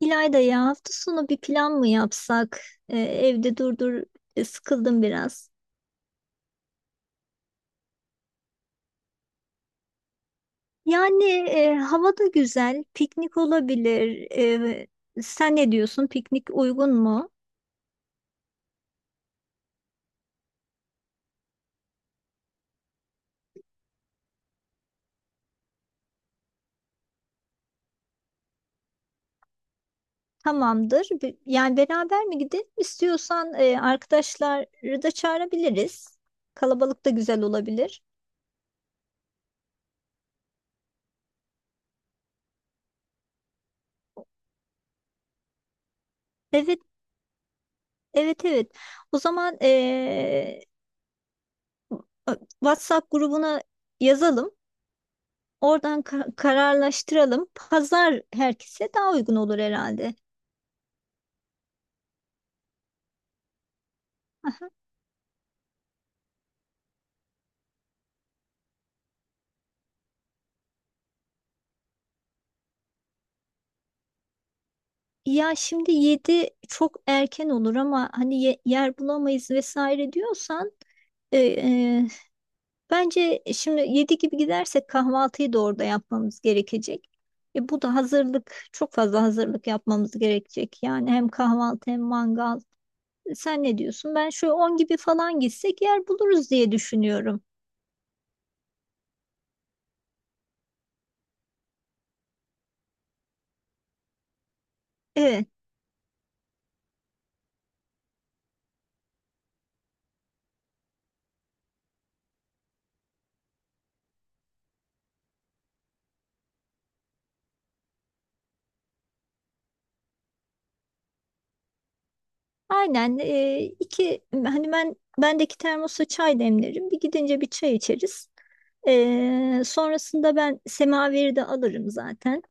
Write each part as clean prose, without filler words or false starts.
İlayda ya, hafta sonu bir plan mı yapsak? Evde durdur sıkıldım biraz. Yani Hava da güzel, piknik olabilir. Sen ne diyorsun? Piknik uygun mu? Tamamdır. Yani beraber mi gidelim? İstiyorsan arkadaşları da çağırabiliriz. Kalabalık da güzel olabilir. Evet, evet, evet. O zaman WhatsApp grubuna yazalım. Oradan kararlaştıralım. Pazar herkese daha uygun olur herhalde. Aha. Ya şimdi yedi çok erken olur, ama hani yer bulamayız vesaire diyorsan, e, e, bence şimdi 7 gibi gidersek kahvaltıyı da orada yapmamız gerekecek. Bu da çok fazla hazırlık yapmamız gerekecek. Yani hem kahvaltı hem mangal. Sen ne diyorsun? Ben şöyle 10 gibi falan gitsek yer buluruz diye düşünüyorum. Evet. Aynen. e, iki hani Ben bendeki termosa çay demlerim. Bir gidince bir çay içeriz. Sonrasında ben semaveri de alırım zaten.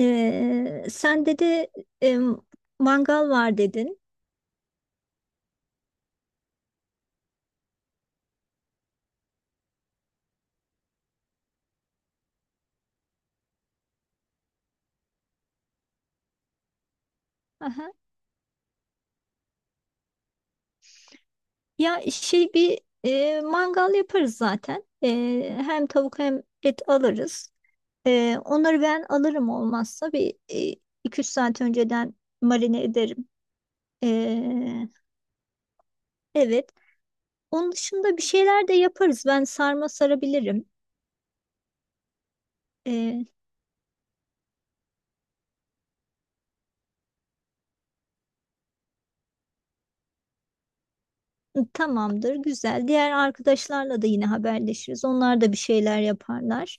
Sen de e, mangal var dedin. Aha. Mangal yaparız zaten. Hem tavuk hem et alırız. Onları ben alırım, olmazsa 2-3 saat önceden marine ederim. E, evet. Onun dışında bir şeyler de yaparız. Ben sarma sarabilirim. Ee, Tamamdır, güzel. Diğer arkadaşlarla da yine haberleşiriz. Onlar da bir şeyler yaparlar.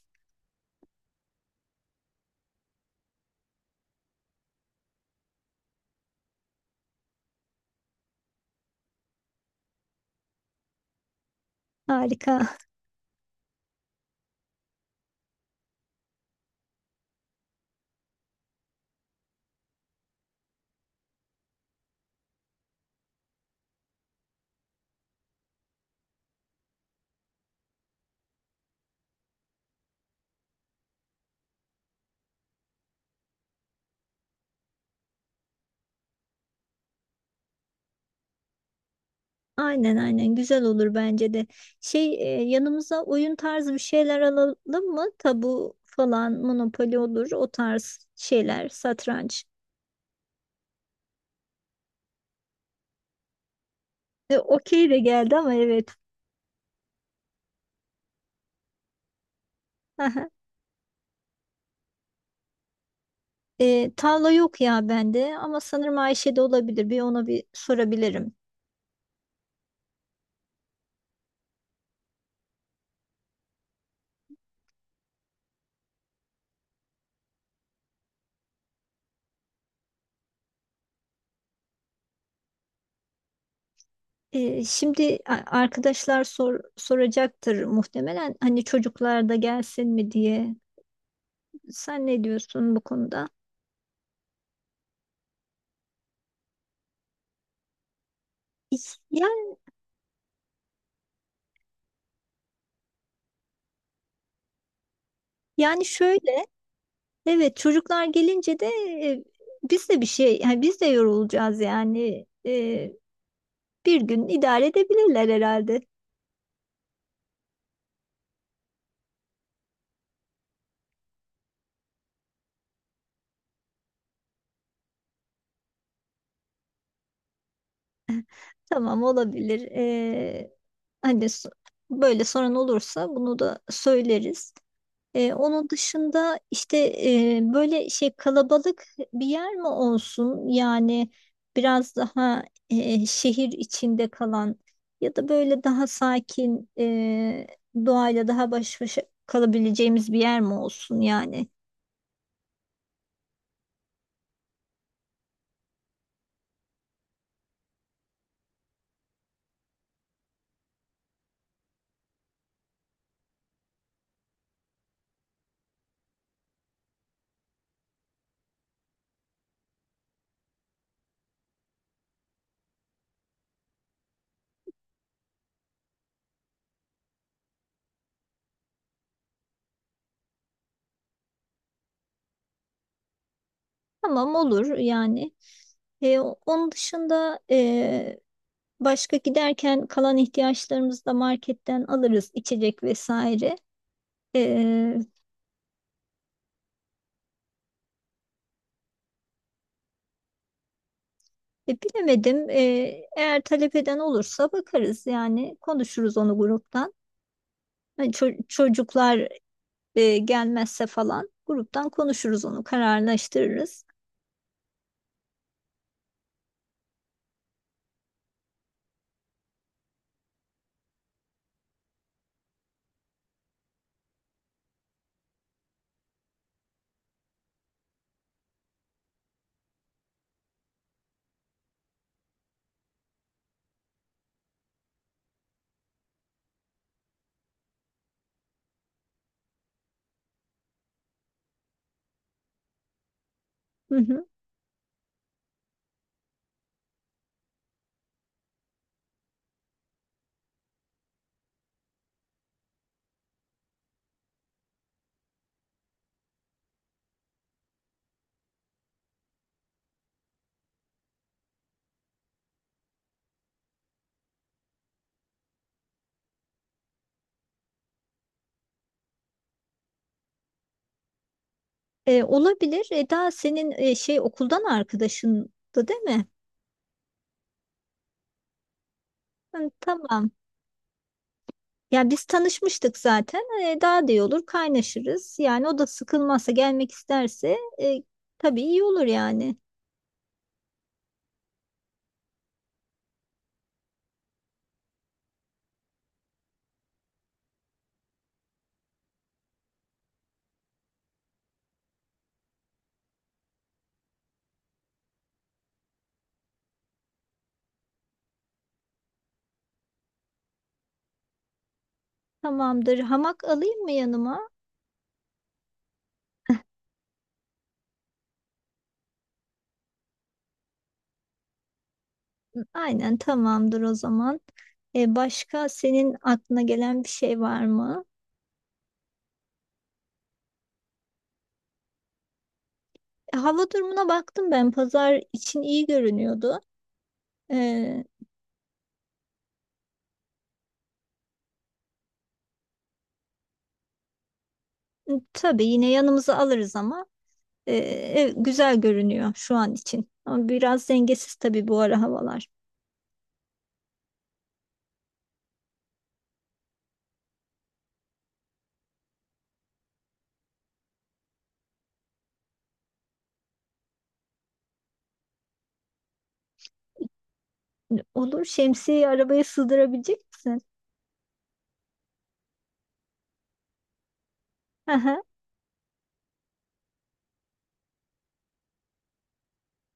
Harika. Aynen aynen, güzel olur bence de. Şey Yanımıza oyun tarzı bir şeyler alalım mı? Tabu falan, Monopoly olur, o tarz şeyler, satranç. Okey de geldi ama evet. Aha. Tavla yok ya bende, ama sanırım Ayşe'de olabilir. Bir ona bir sorabilirim. Şimdi arkadaşlar soracaktır muhtemelen. Hani çocuklar da gelsin mi diye. Sen ne diyorsun bu konuda? Yani, yani şöyle. Evet, çocuklar gelince de, e, biz de bir şey, yani biz de yorulacağız yani. Bir gün idare edebilirler herhalde. Tamam, olabilir. Hani böyle sorun olursa bunu da söyleriz. Onun dışında işte böyle şey, kalabalık bir yer mi olsun? Yani biraz daha şehir içinde kalan, ya da böyle daha sakin, doğayla daha baş başa kalabileceğimiz bir yer mi olsun yani? Tamam, olur yani. Onun dışında, başka giderken kalan ihtiyaçlarımızı da marketten alırız, içecek vesaire. Bilemedim. Eğer talep eden olursa bakarız, yani konuşuruz onu gruptan. Hani çocuklar gelmezse falan gruptan konuşuruz, onu kararlaştırırız. Hı hı. Olabilir. Eda senin okuldan arkadaşındı değil mi? Hı, tamam. Ya biz tanışmıştık zaten. Daha da iyi olur, kaynaşırız. Yani o da sıkılmazsa, gelmek isterse, tabii iyi olur yani. Tamamdır. Hamak alayım mı yanıma? Aynen, tamamdır o zaman. Başka senin aklına gelen bir şey var mı? Hava durumuna baktım ben. Pazar için iyi görünüyordu. E, tabii yine yanımıza alırız, ama güzel görünüyor şu an için. Ama biraz dengesiz tabii bu ara havalar. Hani olur, şemsiyeyi arabaya sığdırabilecek misin? Aha,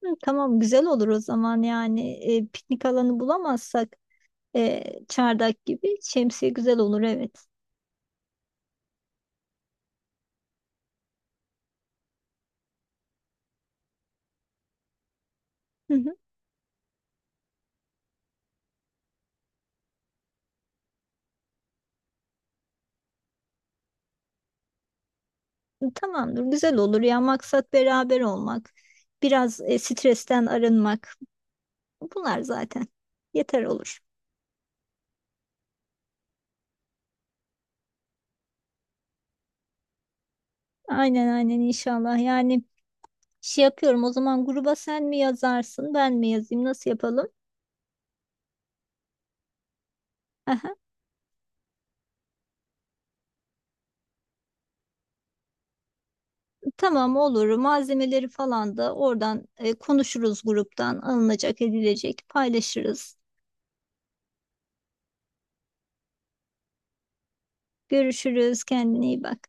hı, hı. Tamam, güzel olur o zaman yani. Piknik alanı bulamazsak, çardak gibi şemsiye güzel olur, evet. Hı hı. Tamamdır, güzel olur. Ya maksat beraber olmak, biraz stresten arınmak, bunlar zaten yeter olur. Aynen, aynen, inşallah. Yani şey yapıyorum, o zaman gruba sen mi yazarsın ben mi yazayım, nasıl yapalım? Aha, tamam, olur. Malzemeleri falan da oradan konuşuruz gruptan, alınacak edilecek paylaşırız. Görüşürüz, kendine iyi bak.